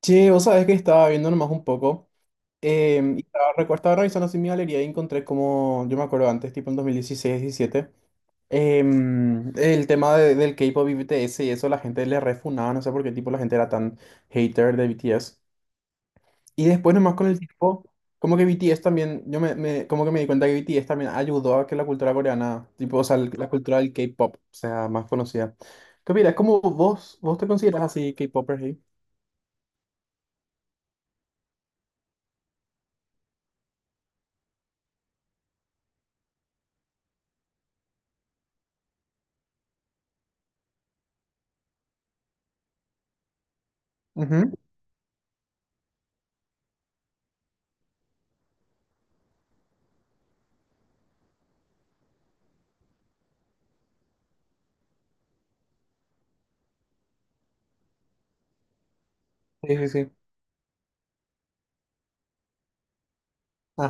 Che, vos sabés que estaba viendo nomás un poco. Y estaba, estaba revisando así mi galería y encontré como, yo me acuerdo antes, tipo en 2016-17, el tema del K-pop y BTS y eso, la gente le refunaba, no sé por qué tipo la gente era tan hater de BTS. Y después nomás con el tiempo, como que BTS también, como que me di cuenta que BTS también ayudó a que la cultura coreana, tipo, o sea, la cultura del K-pop sea más conocida. ¿Qué opinas? ¿Cómo vos te consideras así K-popper? Sí, ujú, sí, sí, sí.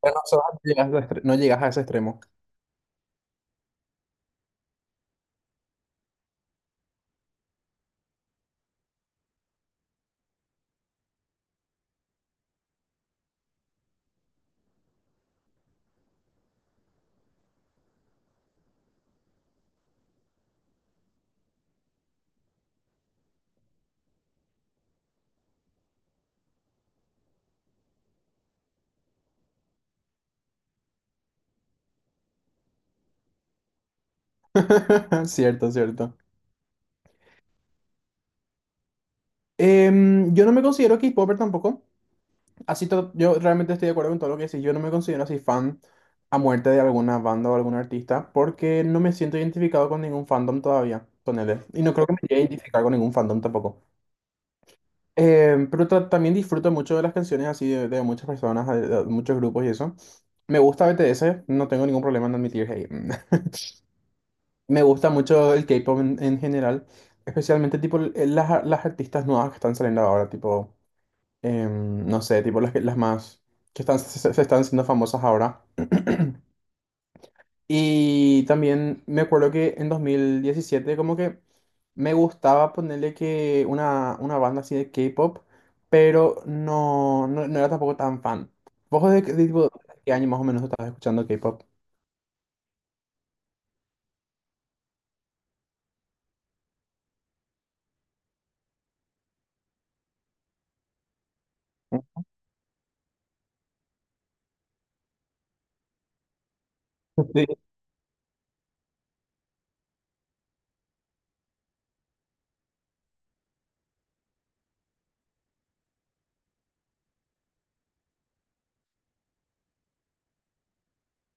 Bueno, eso no llegas a ese extremo. Cierto, cierto. Yo no me considero K-popper tampoco. Así yo realmente estoy de acuerdo con todo lo que decís. Yo no me considero así fan a muerte de alguna banda o algún artista porque no me siento identificado con ningún fandom todavía, ponele. Y no creo que me llegue a identificar con ningún fandom tampoco. Pero también disfruto mucho de las canciones así de muchas personas, de muchos grupos y eso. Me gusta BTS, no tengo ningún problema en admitir, hey. Me gusta mucho el K-pop en general, especialmente tipo las artistas nuevas que están saliendo ahora, tipo, no sé, tipo las más que están, se están siendo famosas ahora. Y también me acuerdo que en 2017 como que me gustaba ponerle que una banda así de K-pop, pero no era tampoco tan fan. ¿Vos de, qué- de tipo, qué año más o menos estabas escuchando K-pop? Sí,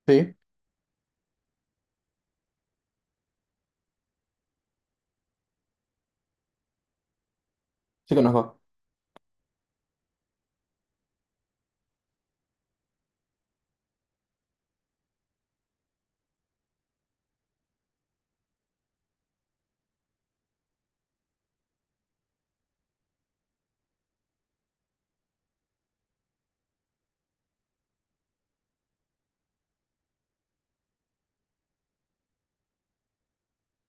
sí, sí conozco.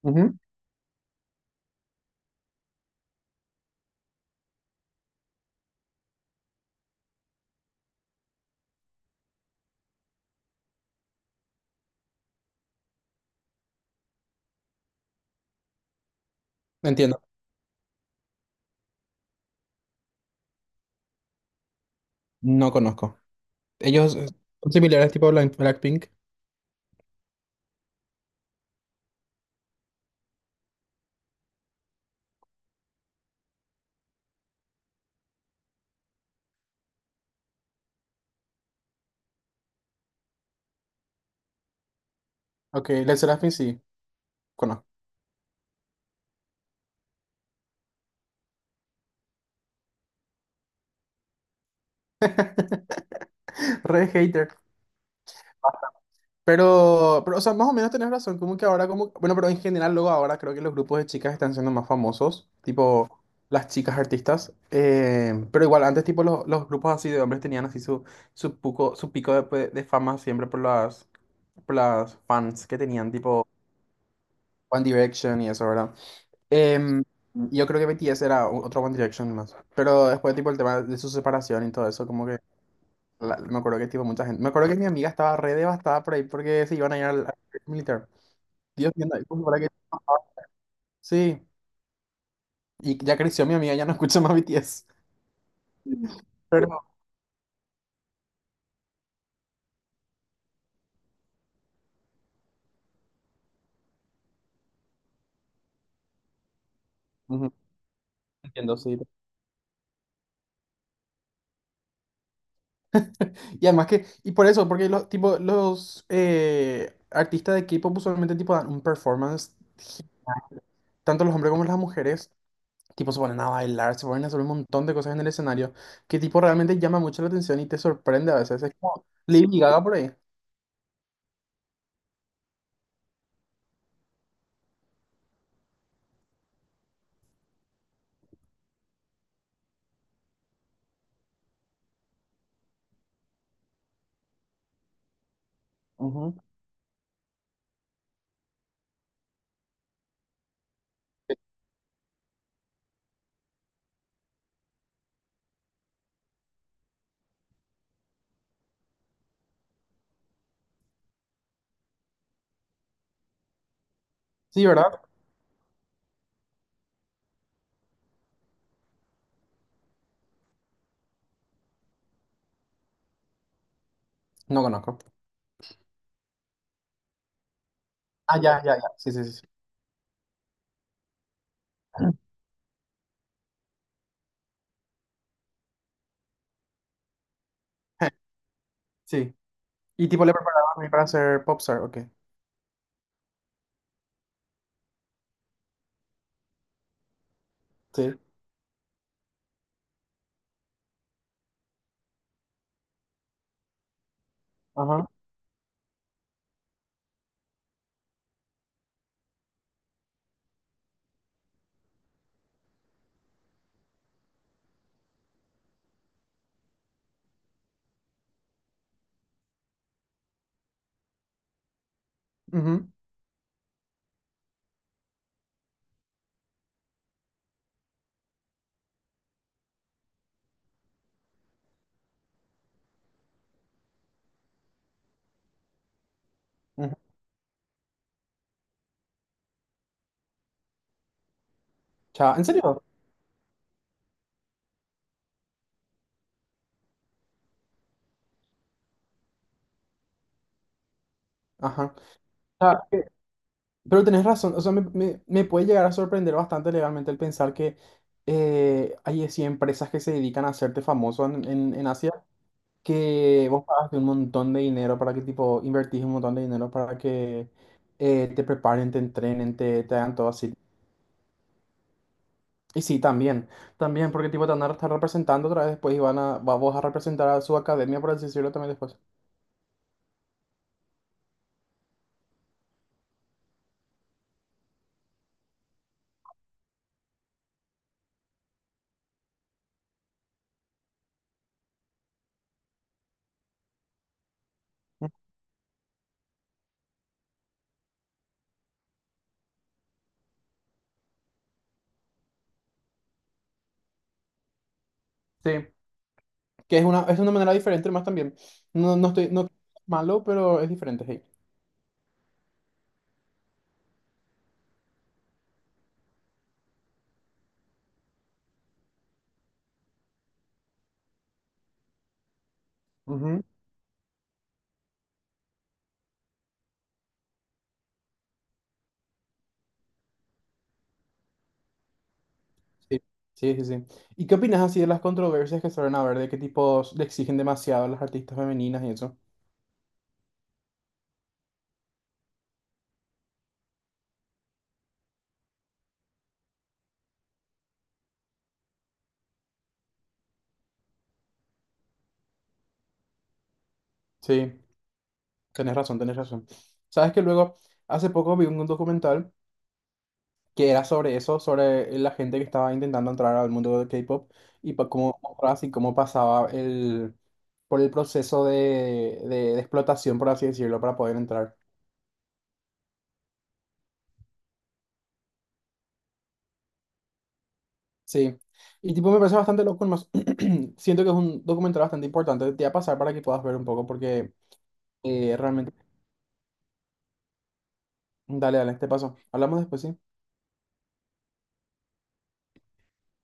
Ujú, entiendo, no conozco. Ellos son similares tipo Blackpink. Ok, Led Serafin sí, conozco. Re hater. O sea, más o menos tenés razón, como que ahora, como, bueno, pero en general luego ahora creo que los grupos de chicas están siendo más famosos, tipo las chicas artistas, pero igual antes tipo los grupos así de hombres tenían así su pico de, pues, de fama siempre por las fans que tenían, tipo One Direction y eso, ¿verdad? Em, yo creo que BTS era otro One Direction más. Pero después, tipo, el tema de su separación y todo eso, como que me acuerdo que, tipo, mucha gente. Me acuerdo que mi amiga estaba re devastada por ahí porque se iban a ir al militar. Dios mío, ¿cómo para que? Sí, y ya creció mi amiga, ya no escucha más BTS. Pero. Ujú, entiendo, sí. Y además que, y por eso, porque los, tipo, los artistas de K-pop usualmente tipo dan un performance, tanto los hombres como las mujeres. Tipo, se ponen a bailar, se ponen a hacer un montón de cosas en el escenario que tipo realmente llama mucho la atención y te sorprende a veces. Es como Lady Gaga por ahí. Ujú. Sí, ¿verdad? No conozco. Ah, ya, ya, ya. Sí, sí, sí. Sí. Sí. Y tipo le preparaban para ser popstar, ok. Sí. Ajá. Ujú, ujú. Cha, ¿en serio? Ajá. Cha, pero tenés razón. O sea, me puede llegar a sorprender bastante legalmente el pensar que hay así empresas que se dedican a hacerte famoso en Asia, que vos pagaste un montón de dinero para que, tipo, invertís un montón de dinero para que te preparen, te entrenen, te hagan todo así. Y sí, también, también, porque, tipo, te van a estar representando otra vez después y van vos a representar a su academia, por así decirlo, también después. Sí, que es es una manera diferente más también. No, no estoy, no es malo, pero es diferente, hey. Ujú. Sí, sí, sí, sí. ¿Y qué opinas así de las controversias que suelen haber, de qué tipos le exigen demasiado a las artistas femeninas y eso? Sí. Tenés razón, tenés razón. Sabes que luego, hace poco vi un documental que era sobre eso, sobre la gente que estaba intentando entrar al mundo del K-pop y cómo, así cómo pasaba el, por el proceso de explotación, por así decirlo, para poder entrar. Sí. Y tipo, me parece bastante loco, más siento que es un documental bastante importante. Te voy a pasar para que puedas ver un poco porque realmente, dale, dale, te paso. Hablamos después, ¿sí?